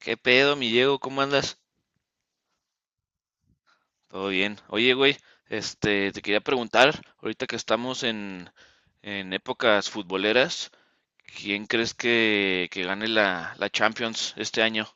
¿Qué pedo, mi Diego? ¿Cómo andas? Todo bien. Oye, güey, te quería preguntar, ahorita que estamos en épocas futboleras, ¿quién crees que gane la Champions este año?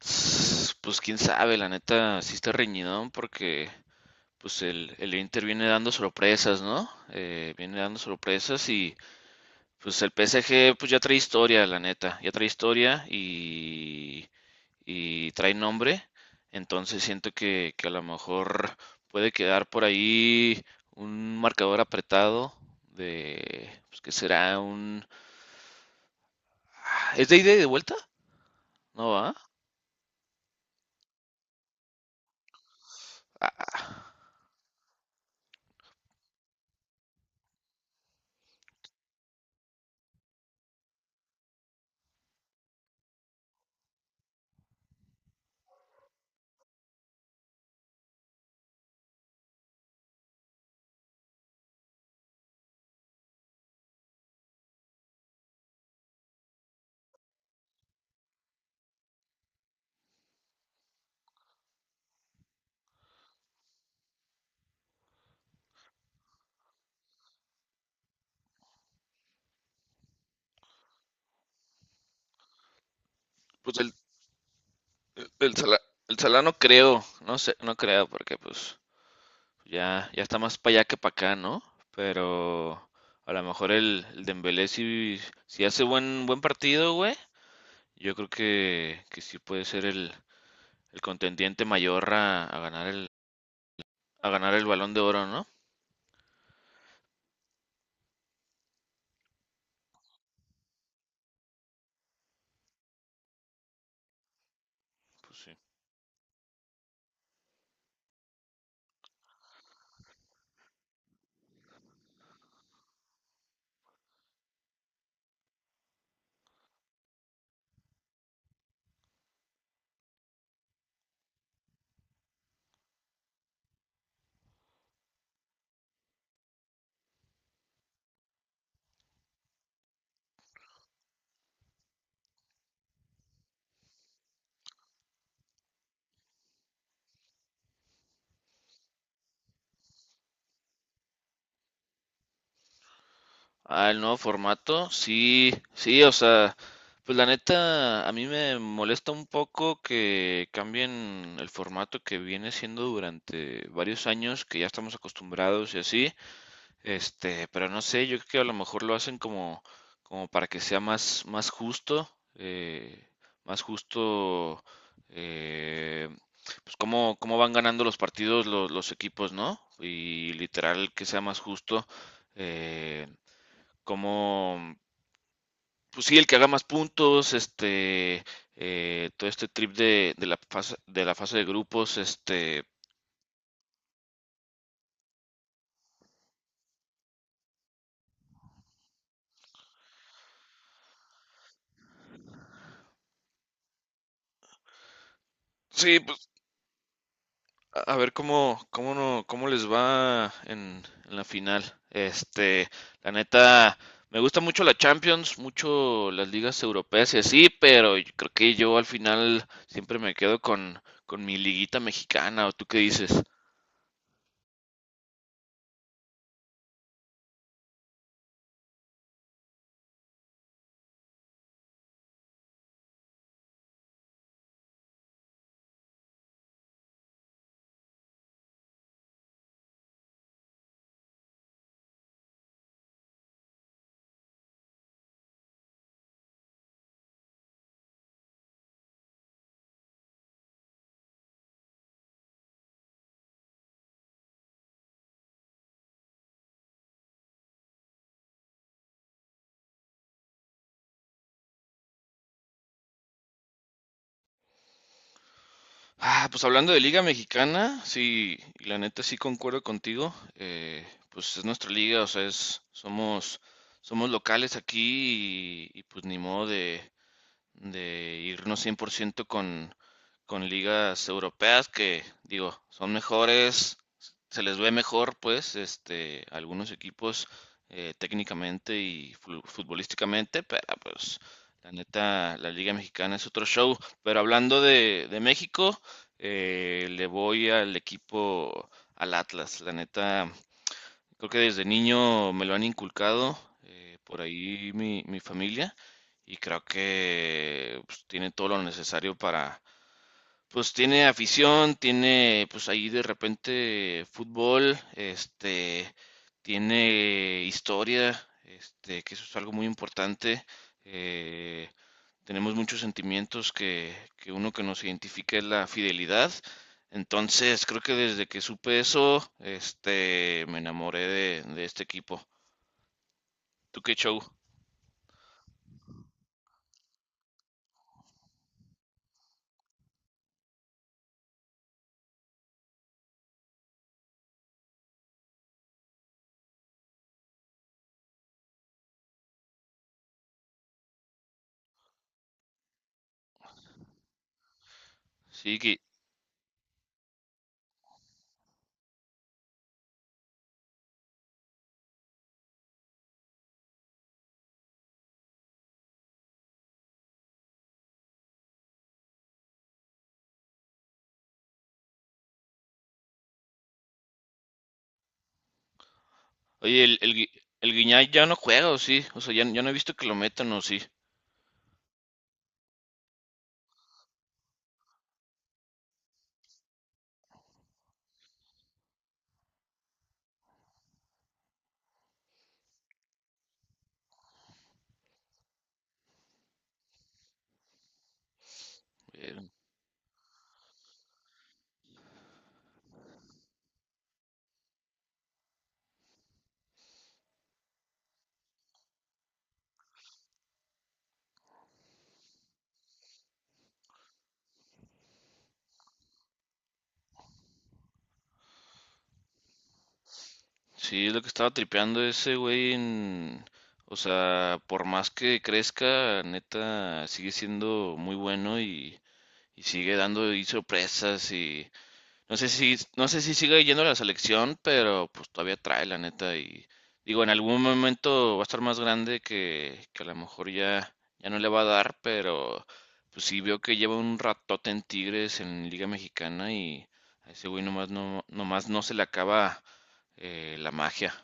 Pues quién sabe, la neta, sí está reñidón porque pues el Inter viene dando sorpresas, ¿no? Viene dando sorpresas y pues el PSG pues ya trae historia, la neta, ya trae historia y trae nombre, entonces siento que a lo mejor puede quedar por ahí un marcador apretado de, pues que será un. Ah, ¿es de ida y de vuelta? No va. Pues el, el Sala, el sala no creo, no sé, no creo, porque pues ya, ya está más para allá que para acá, ¿no? Pero a lo mejor el Dembélé si hace buen partido, güey. Yo creo que sí puede ser el contendiente mayor a ganar el Balón de Oro, ¿no? Pues sí. Ah, el nuevo formato, sí, sí, o sea, pues la neta, a mí me molesta un poco que cambien el formato que viene siendo durante varios años, que ya estamos acostumbrados y así. Pero no sé, yo creo que a lo mejor lo hacen como para que sea más eh, justo, eh, pues cómo van ganando los partidos los equipos, ¿no? Y literal que sea más justo, eh, como, pues sí, el que haga más puntos, todo este trip de la fase de grupos. Sí, pues a ver cómo, cómo no, cómo les va en la final. Este, la neta, me gusta mucho la Champions, mucho las ligas europeas y así, pero yo creo que yo al final siempre me quedo con mi liguita mexicana, ¿o tú qué dices? Ah, pues hablando de liga mexicana, sí, y la neta sí concuerdo contigo. Pues es nuestra liga, o sea, somos locales aquí y pues ni modo de irnos 100% con ligas europeas que, digo, son mejores, se les ve mejor, pues, algunos equipos técnicamente y futbolísticamente, pero pues, la neta, la Liga Mexicana es otro show. Pero hablando de México. Le voy al equipo, al Atlas, la neta, creo que desde niño me lo han inculcado, por ahí mi familia, y creo que pues, tiene todo lo necesario para, pues tiene afición, tiene, pues ahí de repente fútbol, tiene historia, que eso es algo muy importante. eh, Tenemos muchos sentimientos que uno que nos identifica es la fidelidad. Entonces, creo que desde que supe eso, me enamoré de este equipo. ¿Tú qué show? Sí, oye, el Guiñay ya no juega, ¿o sí? O sea, ya, ya no he visto que lo metan, ¿o sí? Eh, Sí, lo que estaba tripeando ese güey. O sea, por más que crezca, neta, sigue siendo muy bueno y sigue dando ahí sorpresas. No sé si sigue yendo a la selección, pero pues todavía trae, la neta. Digo, en algún momento va a estar más grande que a lo mejor ya, ya no le va a dar, pero pues sí veo que lleva un ratote en Tigres en Liga Mexicana y a ese güey nomás no se le acaba la magia.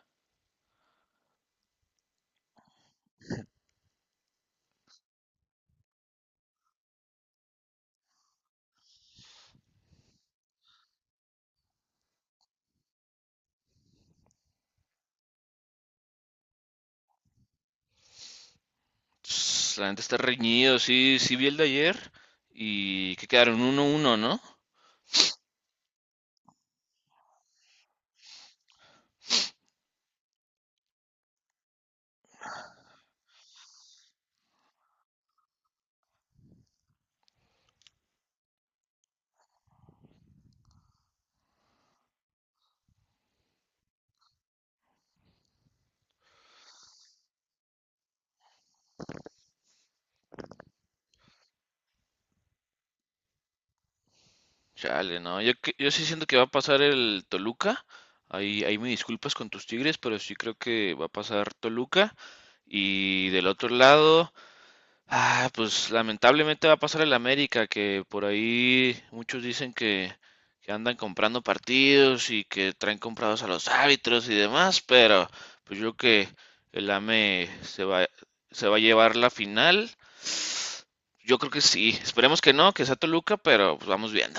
La gente está reñido, sí, sí vi el de ayer y que quedaron 1-1, ¿no? Chale, no, yo sí siento que va a pasar el Toluca. Ahí me disculpas con tus Tigres, pero sí creo que va a pasar Toluca. Y del otro lado, ah, pues lamentablemente va a pasar el América, que por ahí muchos dicen que andan comprando partidos y que traen comprados a los árbitros y demás, pero pues yo creo que el AME se va a llevar la final. Yo creo que sí. Esperemos que no, que sea Toluca, pero pues vamos viendo.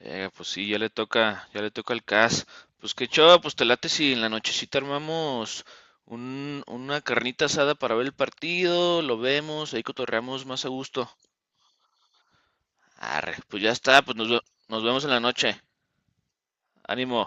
Pues sí, ya le toca al CAS. Pues qué chava, pues te late si en la nochecita armamos una carnita asada para ver el partido, lo vemos, ahí cotorreamos más a gusto. Arre, pues ya está, pues nos vemos en la noche. Ánimo.